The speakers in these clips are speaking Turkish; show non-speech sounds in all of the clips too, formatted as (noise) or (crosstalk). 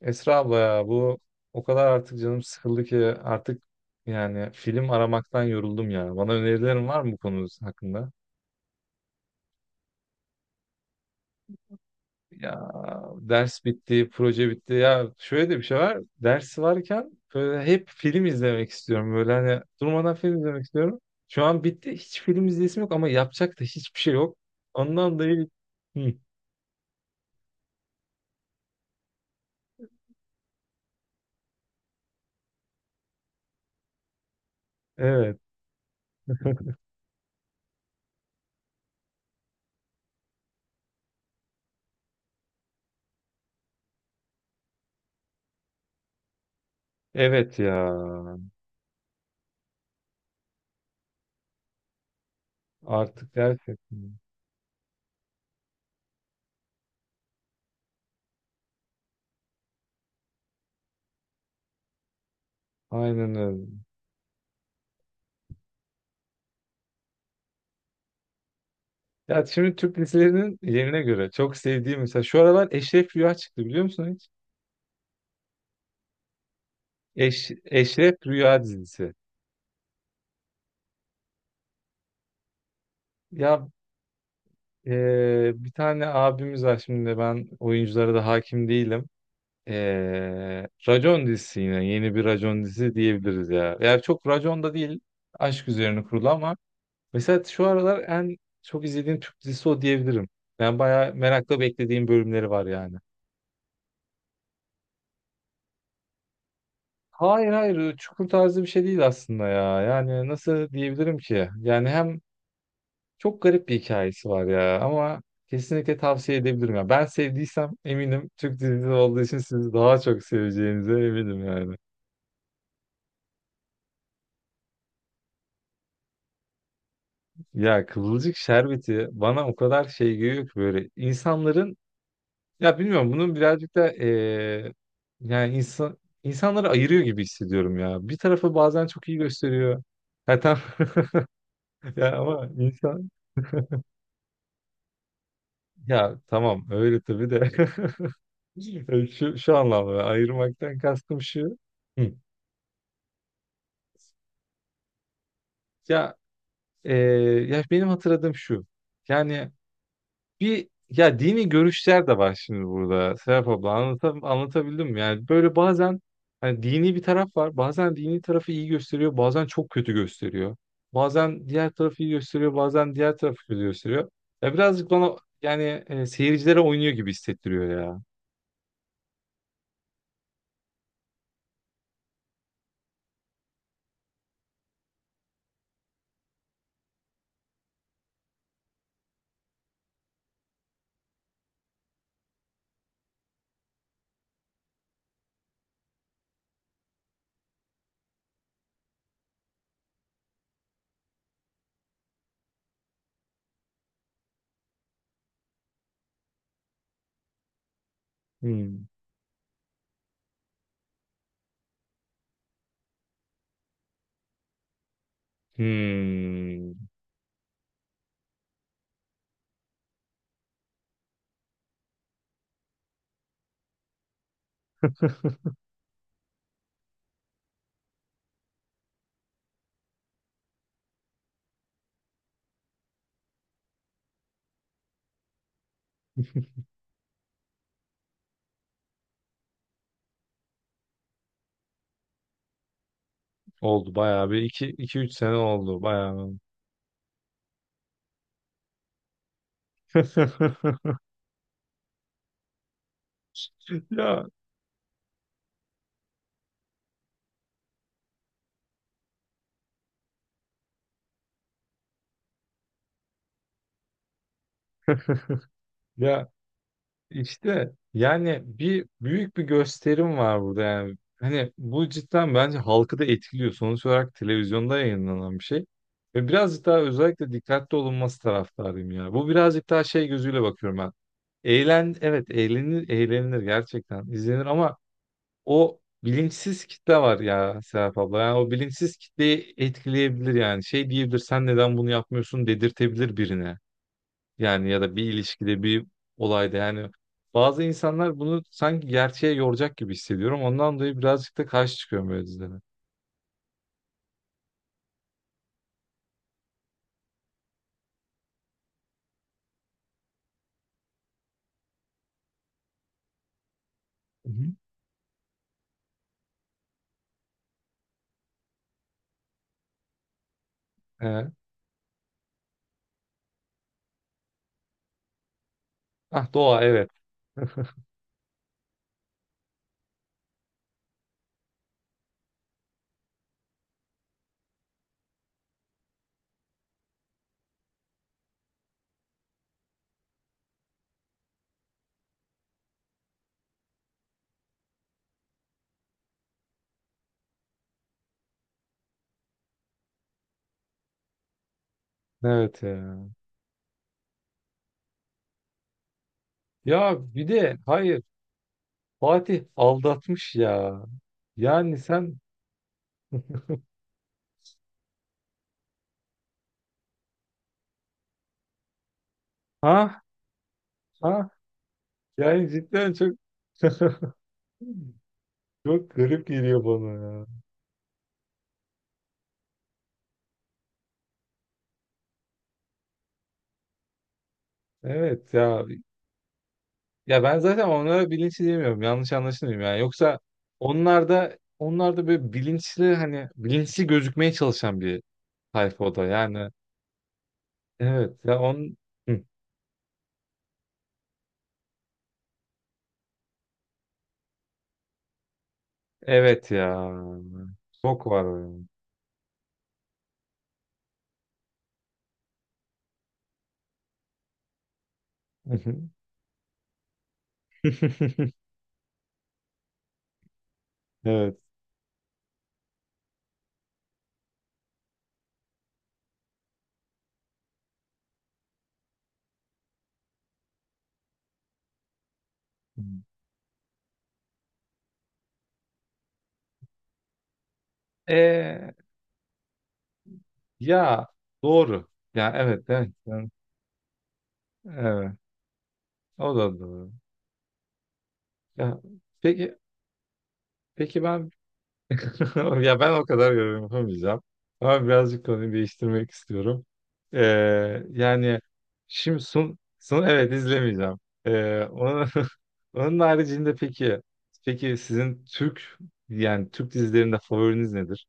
Esra abla ya bu o kadar artık canım sıkıldı ki artık yani film aramaktan yoruldum ya. Bana önerilerin var mı bu konu hakkında? Ya, ders bitti, proje bitti. Ya şöyle de bir şey var. Ders varken böyle hep film izlemek istiyorum. Böyle hani durmadan film izlemek istiyorum. Şu an bitti. Hiç film izleyesim yok ama yapacak da hiçbir şey yok. Ondan dolayı. Hı, evet. Evet ya. Artık gerçekten. Aynen öyle. Ya şimdi Türk dizilerinin yerine göre çok sevdiğim, mesela şu aralar Eşref Rüya çıktı, biliyor musun hiç? Eşref Rüya dizisi. Ya, bir tane abimiz var, şimdi ben oyunculara da hakim değilim. Racon dizisi, yine yeni bir Racon dizisi diyebiliriz ya. Yani çok Racon da değil, aşk üzerine kurulu ama mesela şu aralar en çok izlediğim Türk dizisi o diyebilirim. Ben bayağı merakla beklediğim bölümleri var yani. Hayır, hayır, çukur tarzı bir şey değil aslında ya. Yani nasıl diyebilirim ki? Yani hem çok garip bir hikayesi var ya ama kesinlikle tavsiye edebilirim ya. Ben sevdiysem eminim, Türk dizisi olduğu için siz daha çok seveceğinize eminim yani. Ya, Kıvılcık Şerbeti bana o kadar şey geliyor ki, böyle insanların, ya bilmiyorum, bunun birazcık da yani insanları ayırıyor gibi hissediyorum ya. Bir tarafı bazen çok iyi gösteriyor. Ha, tamam. (laughs) Ya ama insan. Ya tamam öyle tabii de. (laughs) Şu anlamda ayırmaktan kastım şu. Hı. Ya e, ya benim hatırladığım şu. Yani bir, ya dini görüşler de var şimdi burada. Serap abla, anlatabildim mi? Yani böyle bazen hani dini bir taraf var. Bazen dini tarafı iyi gösteriyor. Bazen çok kötü gösteriyor. Bazen diğer tarafı iyi gösteriyor. Bazen diğer tarafı kötü gösteriyor. Ya birazcık bana yani seyircilere oynuyor gibi hissettiriyor ya. Hmm. Hmm. Oldu bayağı, bir iki, 2 3 sene oldu bayağı. (laughs) Ya, ya işte yani büyük bir gösterim var burada yani. Hani bu cidden bence halkı da etkiliyor. Sonuç olarak televizyonda yayınlanan bir şey. Ve birazcık daha özellikle dikkatli olunması taraftarıyım ya. Bu birazcık daha şey gözüyle bakıyorum ben. Evet, eğlenilir, gerçekten izlenir ama o bilinçsiz kitle var ya Serap abla. Yani o bilinçsiz kitleyi etkileyebilir yani. Şey diyebilir, sen neden bunu yapmıyorsun dedirtebilir birine. Yani ya da bir ilişkide, bir olayda yani bazı insanlar bunu sanki gerçeğe yoracak gibi hissediyorum. Ondan dolayı birazcık da karşı çıkıyorum böyle dizilere. Hı hı. He. Ah, doğa, evet. Evet ya. Ya bir de hayır, Fatih aldatmış ya. Yani sen ha ha yani cidden çok (laughs) çok garip geliyor bana ya. Evet ya, ben zaten onlara bilinçli demiyorum, yanlış anlaşılmayayım yani, yoksa onlar da böyle bilinçli, hani bilinçli gözükmeye çalışan bir tayfa o da yani evet ya Hı. Evet ya, çok var o ya. Hı hı. (laughs) Evet. E, ya doğru. Ya, evet, evet. Yani, evet. O da doğru. Ya peki, peki ben. (laughs) Ya ben o kadar yorum yapamayacağım. Ama birazcık konuyu değiştirmek istiyorum. Ee, yani şimdi son, evet, izlemeyeceğim. Onun, (laughs) onun haricinde peki, peki sizin Türk dizilerinde favoriniz nedir?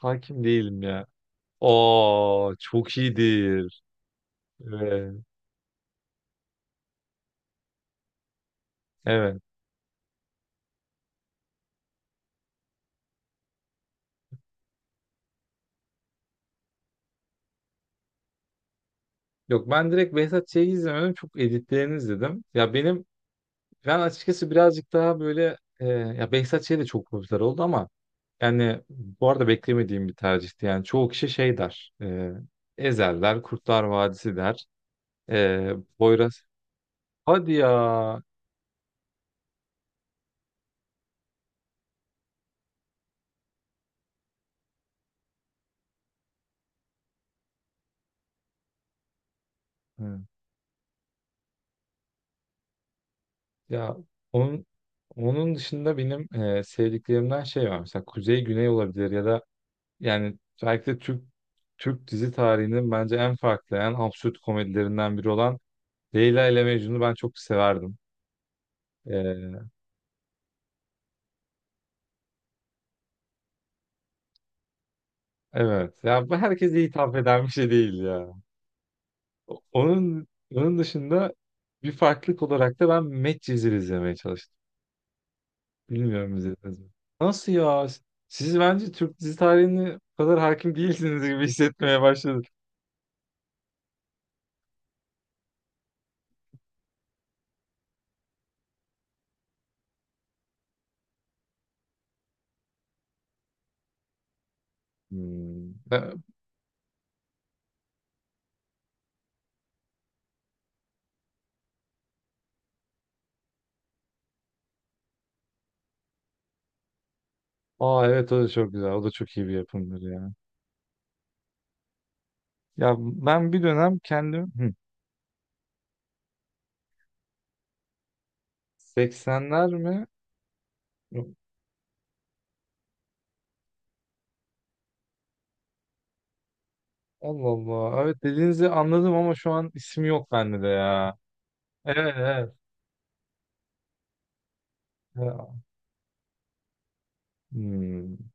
Hakim değilim ya. Oo, çok iyidir. Evet. Evet. Yok, ben direkt Behzat Ç'yi izlemedim. Çok editlerini izledim. Ben açıkçası birazcık daha böyle ya Behzat Ç de çok popüler oldu ama yani bu arada beklemediğim bir tercihti. Yani çoğu kişi şey der. Ezel der, Kurtlar Vadisi der. Poyraz. Hadi ya. Hı. Ya onun, dışında benim sevdiklerimden şey var. Mesela Kuzey Güney olabilir ya da yani belki de Türk dizi tarihinin bence en farklı, en absürt komedilerinden biri olan Leyla ile Mecnun'u ben çok severdim. E, evet. Ya bu herkese hitap eden bir şey değil ya. O- Onun, onun dışında bir farklılık olarak da ben Medcezir izlemeye çalıştım. Bilmiyorum, izlediniz mi? Nasıl ya? Siz bence Türk dizi tarihine bu kadar hakim değilsiniz gibi hissetmeye başladım. Hmm. Aa, evet, o da çok güzel. O da çok iyi bir yapımdır ya. Ya ben bir dönem kendim. Hı. 80'ler mi? Yok. Allah Allah. Evet, dediğinizi anladım ama şu an isim yok bende de ya. Evet, evet. Ya. Hmm.